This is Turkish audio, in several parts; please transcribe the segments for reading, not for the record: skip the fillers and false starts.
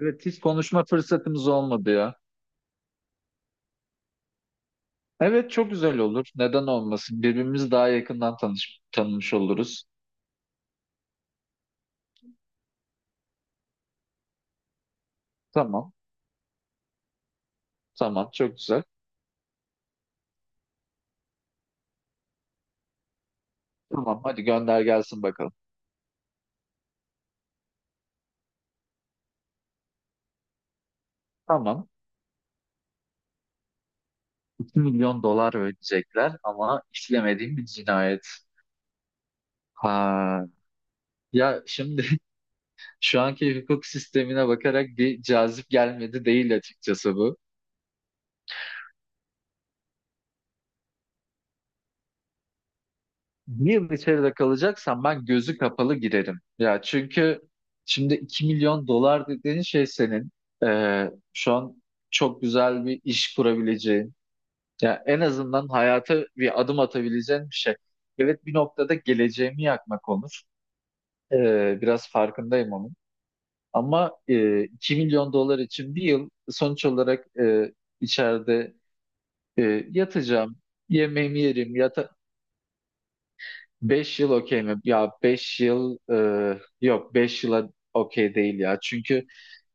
Evet hiç konuşma fırsatımız olmadı ya. Evet çok güzel olur. Neden olmasın? Birbirimizi daha yakından tanımış oluruz. Tamam. Tamam çok güzel. Tamam hadi gönder gelsin bakalım. Tamam. 2 milyon dolar ödeyecekler ama işlemediğim bir cinayet. Ha. Ya şimdi şu anki hukuk sistemine bakarak bir cazip gelmedi değil açıkçası bu. Bir yıl içeride kalacaksam ben gözü kapalı girerim. Ya çünkü şimdi 2 milyon dolar dediğin şey senin, şu an çok güzel bir iş kurabileceğin, ya en azından hayata bir adım atabileceğin bir şey. Evet bir noktada geleceğimi yakmak olur. Biraz farkındayım onun. Ama 2 milyon dolar için bir yıl sonuç olarak, içeride yatacağım, yemeğimi yerim, 5 yıl okey mi? Ya 5 yıl yok, 5 yıla okey değil ya. Çünkü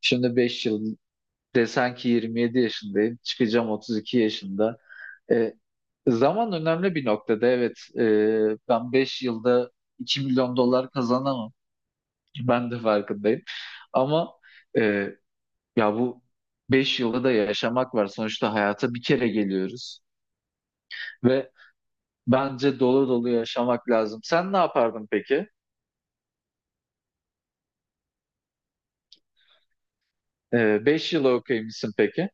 şimdi 5 yıl desen ki, 27 yaşındayım, çıkacağım 32 yaşında. E, zaman önemli bir noktada, evet, ben 5 yılda 2 milyon dolar kazanamam. Ben de farkındayım. Ama e, ya bu 5 yılda da yaşamak var. Sonuçta hayata bir kere geliyoruz ve bence dolu dolu yaşamak lazım. Sen ne yapardın peki? Beş yıla okuyayım peki?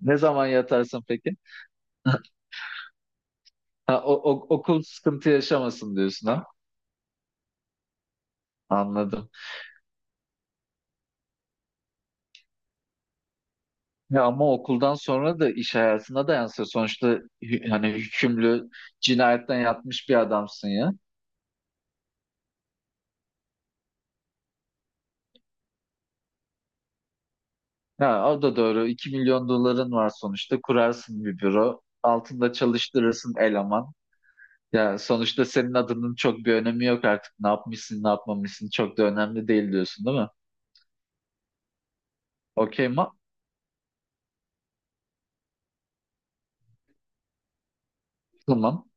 Ne zaman yatarsın peki? Ha, okul sıkıntı yaşamasın diyorsun, ha? Anladım. Ya ama okuldan sonra da iş hayatına da yansıyor. Sonuçta hani, hükümlü, cinayetten yatmış bir adamsın ya. Ya o da doğru. 2 milyon doların var sonuçta. Kurarsın bir büro. Altında çalıştırırsın eleman. Ya sonuçta senin adının çok bir önemi yok artık. Ne yapmışsın, ne yapmamışsın çok da önemli değil diyorsun, değil mi? Okey ma? Tamam.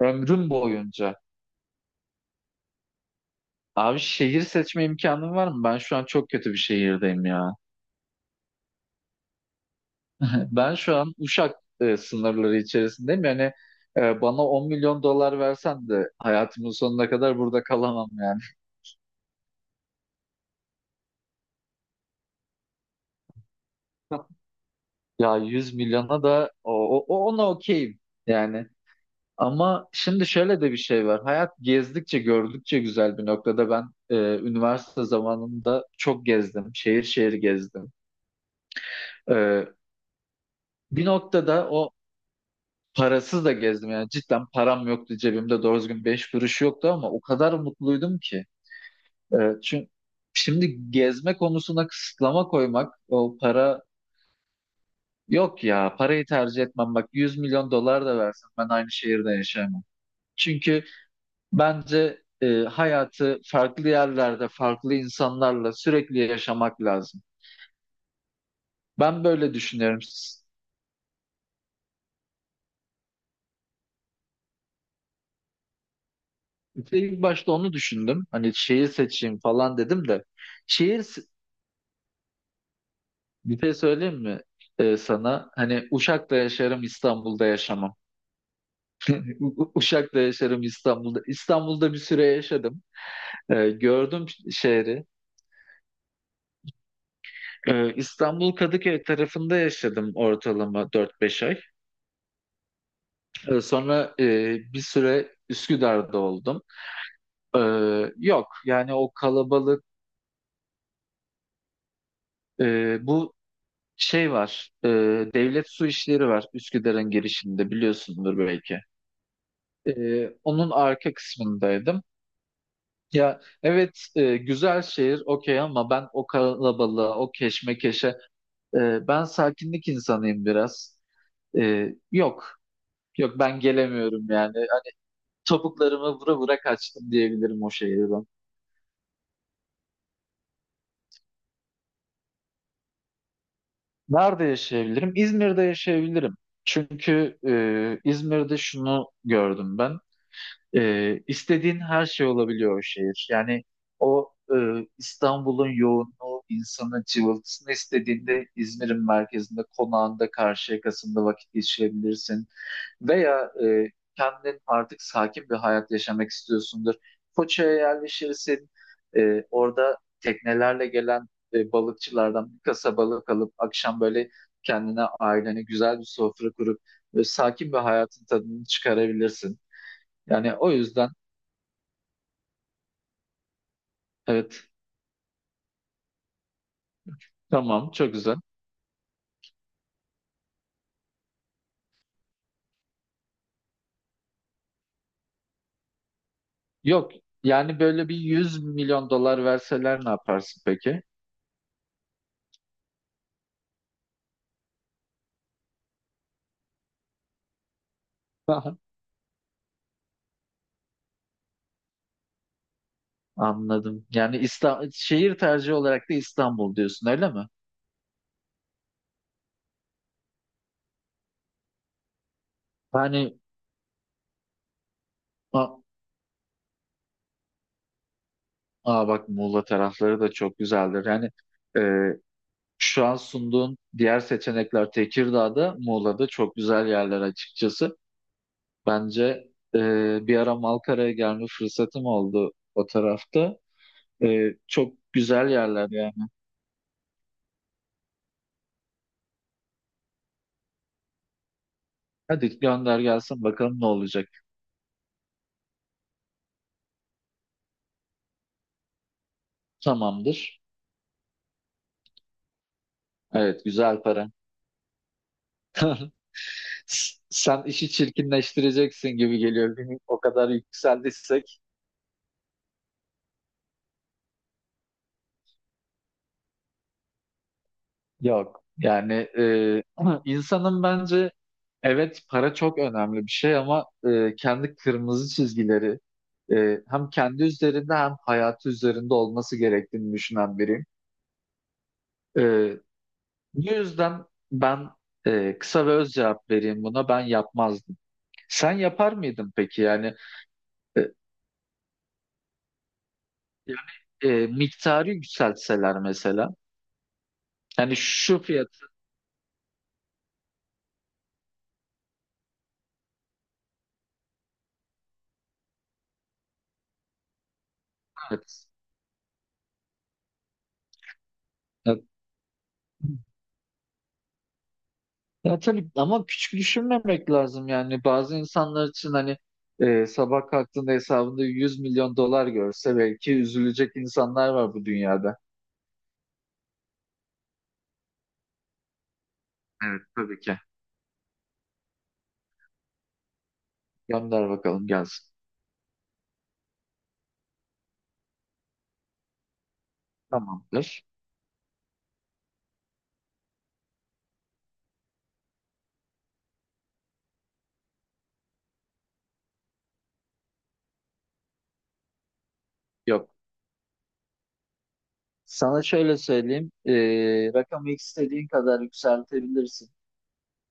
Ömrüm boyunca. Abi, şehir seçme imkanım var mı? Ben şu an çok kötü bir şehirdeyim ya. Ben şu an Uşak sınırları içerisindeyim. Yani bana 10 milyon dolar versen de hayatımın sonuna kadar burada kalamam yani. Ya 100 milyona da ona okeyim yani. Ama şimdi şöyle de bir şey var. Hayat gezdikçe gördükçe güzel bir noktada. Ben üniversite zamanında çok gezdim. Şehir şehir gezdim. E, Bir noktada o, parasız da gezdim yani, cidden param yoktu cebimde, doğru düzgün 5 kuruş yoktu ama o kadar mutluydum ki. Çünkü şimdi gezme konusuna kısıtlama koymak, o para, yok ya, parayı tercih etmem, bak, 100 milyon dolar da versin ben aynı şehirde yaşayamam. Çünkü bence hayatı farklı yerlerde, farklı insanlarla sürekli yaşamak lazım. Ben böyle düşünüyorum. İlk başta onu düşündüm, hani şehir seçeyim falan dedim de, şehir bir şey söyleyeyim mi sana? Hani, Uşak'ta yaşarım, İstanbul'da yaşamam. Uşak'ta yaşarım, İstanbul'da. İstanbul'da bir süre yaşadım. Gördüm şehri. İstanbul Kadıköy tarafında yaşadım, ortalama 4-5 ay. Sonra bir süre Üsküdar'da oldum. E, yok yani, o kalabalık, bu şey var. Devlet Su İşleri var Üsküdar'ın girişinde, biliyorsundur belki. E, onun arka kısmındaydım. Ya evet, güzel şehir, okey, ama ben o kalabalığa, o keşmekeşe, ben sakinlik insanıyım biraz. Yok yok, ben gelemiyorum yani. Topuklarımı vura vura kaçtım diyebilirim o şehirden. Nerede yaşayabilirim? İzmir'de yaşayabilirim. Çünkü İzmir'de şunu gördüm ben. E, istediğin her şey olabiliyor o şehir. Yani o, İstanbul'un yoğunluğu, insanın cıvıltısını istediğinde, İzmir'in merkezinde, konağında, Karşıyaka'sında vakit geçirebilirsin. Veya kendin artık sakin bir hayat yaşamak istiyorsundur. Foça'ya yerleşirsin. Orada teknelerle gelen balıkçılardan bir kasa balık alıp, akşam böyle kendine, ailene güzel bir sofra kurup sakin bir hayatın tadını çıkarabilirsin. Yani o yüzden. Evet, tamam, çok güzel. Yok, yani, böyle bir 100 milyon dolar verseler ne yaparsın peki? Aha. Anladım. Yani, şehir tercihi olarak da İstanbul diyorsun, öyle mi? Yani, a- bak, Muğla tarafları da çok güzeldir. Yani e, şu an sunduğun diğer seçenekler, Tekirdağ'da, Muğla'da çok güzel yerler açıkçası. Bence bir ara Malkara'ya gelme fırsatım oldu o tarafta. Çok güzel yerler yani. Hadi gönder gelsin bakalım ne olacak. Tamamdır. Evet, güzel para. Sen işi çirkinleştireceksin gibi geliyor. O kadar yükseldiysek, yok. Yani ama insanın bence, evet, para çok önemli bir şey, ama kendi kırmızı çizgileri hem kendi üzerinde hem hayatı üzerinde olması gerektiğini düşünen biriyim. E, bu yüzden ben kısa ve öz cevap vereyim buna. Ben yapmazdım. Sen yapar mıydın peki? Yani. E, Yani, miktarı yükseltseler mesela. Yani şu fiyat, evet. Ya, ya tabii, ama küçük düşünmemek lazım yani. Bazı insanlar için hani sabah kalktığında hesabında 100 milyon dolar görse belki üzülecek insanlar var bu dünyada. Evet, tabii ki. Gönder bakalım gelsin. Tamamdır. Yok. Sana şöyle söyleyeyim. Rakamı istediğin kadar yükseltebilirsin.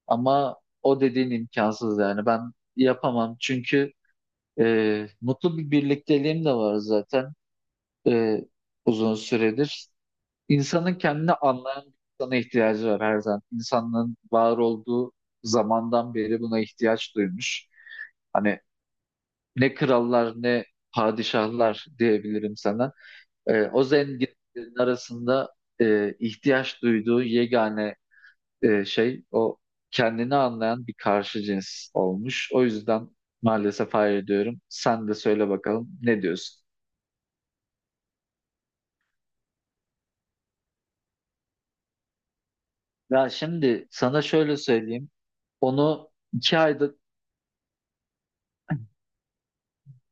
Ama o dediğin imkansız yani. Ben yapamam çünkü mutlu bir birlikteliğim de var zaten, ee, uzun süredir. İnsanın kendini anlayan bir insana ihtiyacı var her zaman. İnsanlığın var olduğu zamandan beri buna ihtiyaç duymuş. Hani, ne krallar, ne padişahlar diyebilirim sana. O zenginlerin arasında ihtiyaç duyduğu yegane şey, o kendini anlayan bir karşı cins olmuş. O yüzden maalesef hayır diyorum. Sen de söyle bakalım, ne diyorsun? Ya şimdi, sana şöyle söyleyeyim. Onu 2 ayda,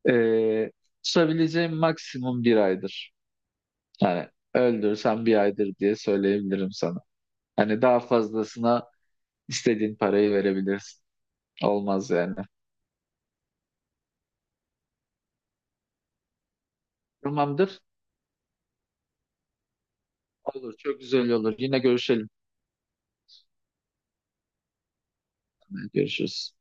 e, tutabileceğim maksimum bir aydır. Yani, öldürsen bir aydır diye söyleyebilirim sana. Hani daha fazlasına istediğin parayı verebilirsin. Olmaz yani. Tamamdır. Olur. Çok güzel olur. Yine görüşelim. Görüşürüz.